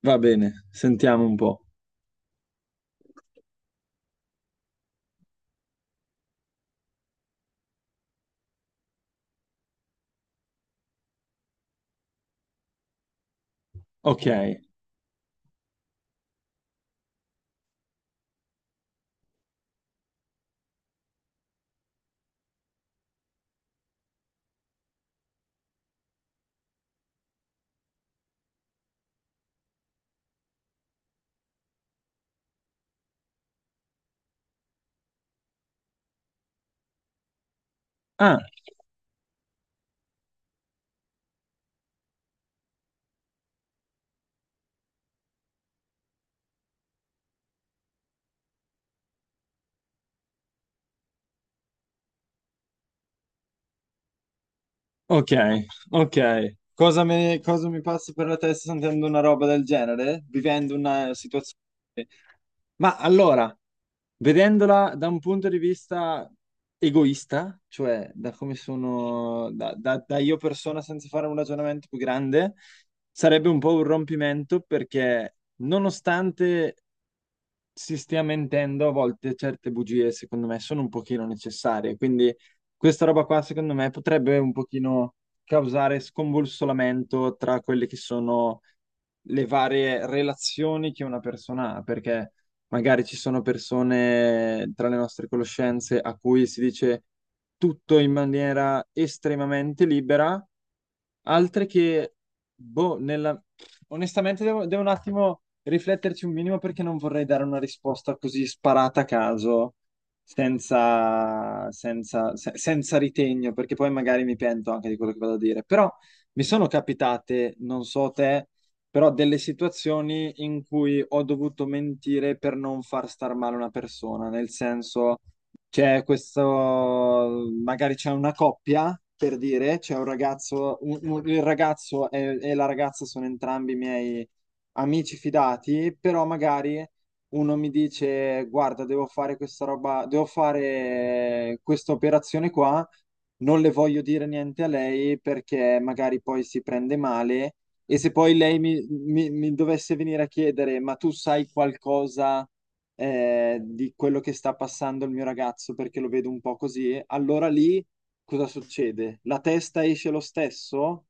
Va bene, sentiamo un po'. Ok. Ah, ok, ok. Cosa mi passa per la testa sentendo una roba del genere? Vivendo una situazione... Ma allora, vedendola da un punto di vista egoista, cioè da come sono, da io persona senza fare un ragionamento più grande, sarebbe un po' un rompimento perché nonostante si stia mentendo, a volte certe bugie, secondo me, sono un pochino necessarie. Quindi questa roba qua, secondo me, potrebbe un pochino causare scombussolamento tra quelle che sono le varie relazioni che una persona ha, perché magari ci sono persone tra le nostre conoscenze a cui si dice tutto in maniera estremamente libera altre che, boh, nella... Onestamente devo un attimo rifletterci un minimo perché non vorrei dare una risposta così sparata a caso, senza ritegno, perché poi magari mi pento anche di quello che vado a dire. Però mi sono capitate, non so te, però delle situazioni in cui ho dovuto mentire per non far star male una persona, nel senso... C'è questo, magari c'è una coppia, per dire, c'è un ragazzo, il ragazzo e la ragazza sono entrambi miei amici fidati, però magari uno mi dice, guarda, devo fare questa roba, devo fare questa operazione qua, non le voglio dire niente a lei perché magari poi si prende male e se poi lei mi dovesse venire a chiedere, ma tu sai qualcosa? Di quello che sta passando il mio ragazzo perché lo vedo un po' così, allora lì cosa succede? La testa esce lo stesso?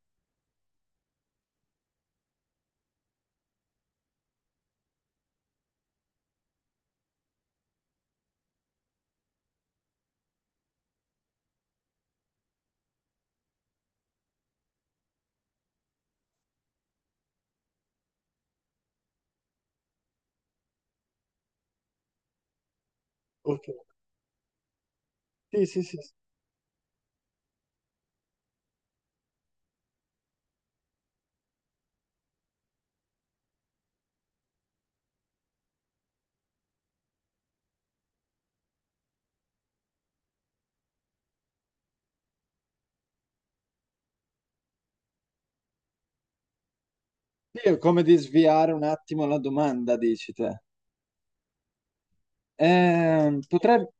Sì, è come di sviare un attimo la domanda, dici te. Potrebbe...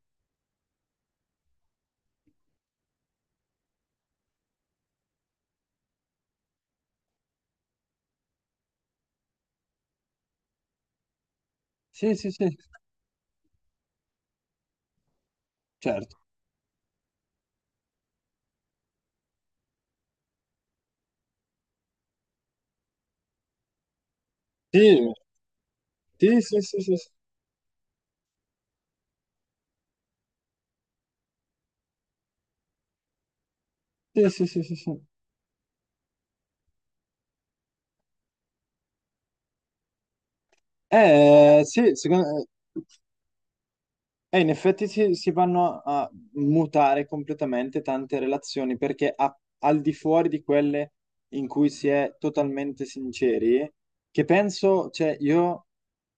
Sì, sì, sì, certo. Sì, sì, sì, sì, sì, sì, sì, sì, sì, sì. Sì, secondo me... E in effetti si vanno a mutare completamente tante relazioni perché al di fuori di quelle in cui si è totalmente sinceri, che penso, cioè io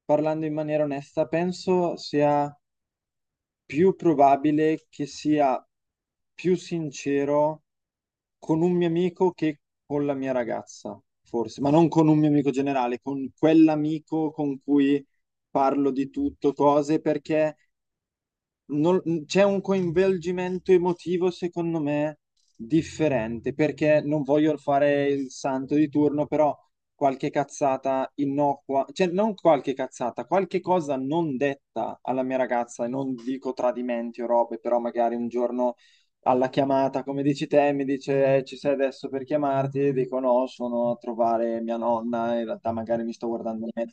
parlando in maniera onesta, penso sia più probabile che sia più sincero con un mio amico che con la mia ragazza, forse, ma non con un mio amico generale, con quell'amico con cui parlo di tutto, cose perché non- c'è un coinvolgimento emotivo, secondo me, differente, perché non voglio fare il santo di turno, però qualche cazzata innocua, cioè non qualche cazzata, qualche cosa non detta alla mia ragazza, e non dico tradimenti o robe, però magari un giorno alla chiamata, come dici te, mi dice ci sei adesso per chiamarti", e dico no, sono a trovare mia nonna, in realtà magari mi sto guardando me.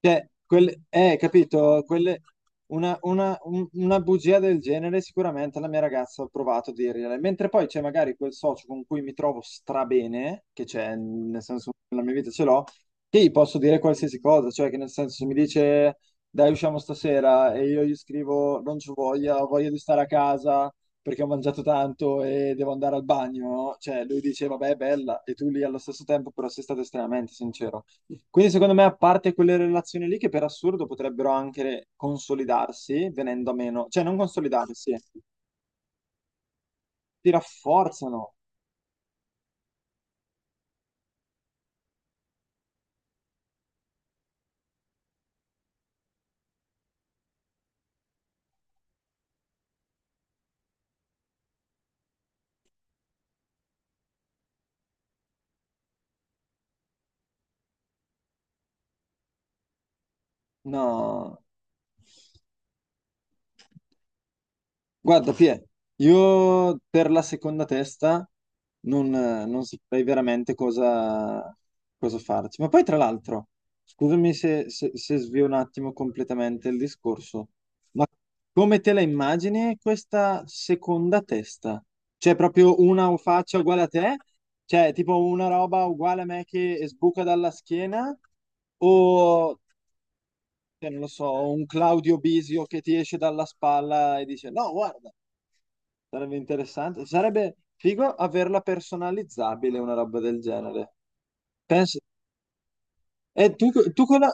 Cioè, quel- capito? Quelle- una bugia del genere sicuramente la mia ragazza ha provato a dirgliela, mentre poi c'è magari quel socio con cui mi trovo strabene, che c'è, nel senso nella mia vita ce l'ho, che gli posso dire qualsiasi cosa, cioè che nel senso se mi dice dai usciamo stasera e io gli scrivo non ci voglia, ho voglia di stare a casa perché ho mangiato tanto e devo andare al bagno, cioè lui dice vabbè è bella e tu lì allo stesso tempo però sei stato estremamente sincero. Quindi secondo me a parte quelle relazioni lì che per assurdo potrebbero anche consolidarsi venendo a meno, cioè non consolidarsi, si rafforzano. No. Guarda, Pie, io per la seconda testa non saprei veramente cosa, cosa farci. Ma poi, tra l'altro, scusami se svio un attimo completamente il discorso, ma come te la immagini questa seconda testa? C'è proprio una faccia uguale a te? Cioè, tipo una roba uguale a me che sbuca dalla schiena? O, cioè, non lo so, un Claudio Bisio che ti esce dalla spalla e dice: No, guarda. Sarebbe interessante. Sarebbe figo averla personalizzabile, una roba del genere. Penso... E tu, tu con la...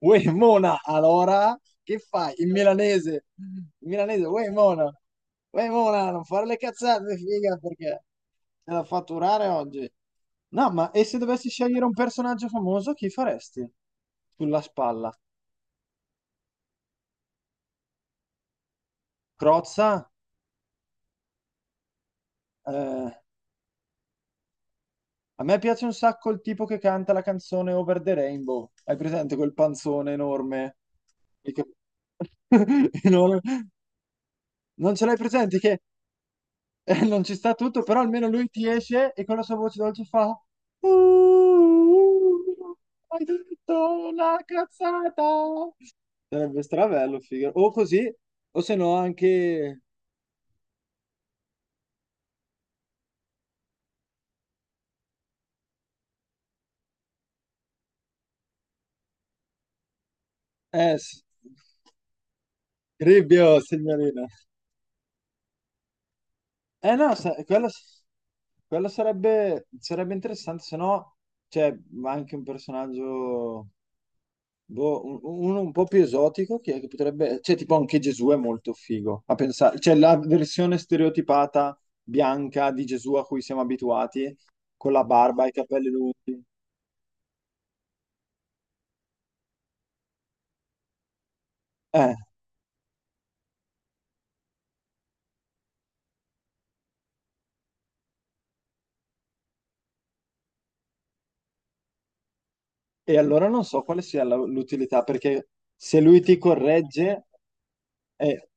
Uè, Mona, allora, che fai? In milanese. In milanese, uè, Mona. Uè, Mona, non fare le cazzate, figa, perché te la fatturare oggi. No, ma e se dovessi scegliere un personaggio famoso, chi faresti? Sulla spalla. Crozza? Eh, A me piace un sacco il tipo che canta la canzone Over the Rainbow. Hai presente quel panzone enorme? Il che- enorme. Non ce l'hai presente che non ci sta tutto, però almeno lui ti esce e con la sua voce dolce fa "Uh, uh, hai detto una cazzata". Sarebbe strabello, figo. O così, o se no anche... s- Cribbio, signorina. Eh no, sa- quello sarebbe, sarebbe interessante, se no c'è anche un personaggio, boh, un- uno un po' più esotico, che potrebbe, cioè tipo anche Gesù è molto figo, a pensare, cioè la versione stereotipata bianca di Gesù a cui siamo abituati, con la barba e i capelli lunghi. Eh, e allora non so quale sia la- l'utilità, perché se lui ti corregge... eh,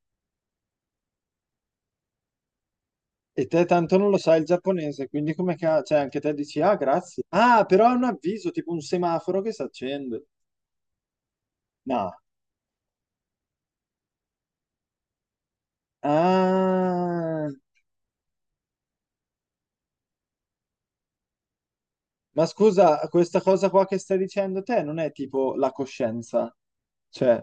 E te tanto non lo sai il giapponese, quindi come che... Cioè, anche te dici, ah, grazie. Ah, però è un avviso, tipo un semaforo che si accende. No. Ah. Ma scusa, questa cosa qua che stai dicendo te non è tipo la coscienza. Cioè...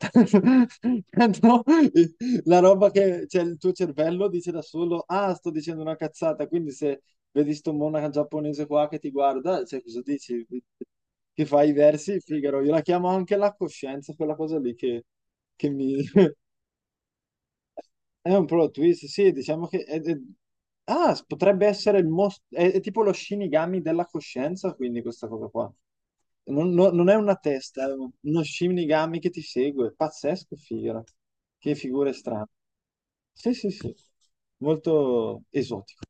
No, la roba che cioè, il tuo cervello dice da solo, ah, sto dicendo una cazzata, quindi se vedi sto monaco giapponese qua che ti guarda, cioè, cosa dici? Che fai i versi, Figaro, io la chiamo anche la coscienza, quella cosa lì che mi, è un plot twist, sì, diciamo che... è- Ah, s- potrebbe essere il most... è tipo lo Shinigami della coscienza, quindi questa cosa qua. Non è una testa, è uno Shinigami che ti segue. Pazzesco, figura. Che figure strane. Sì, sì, sì. Molto esotico.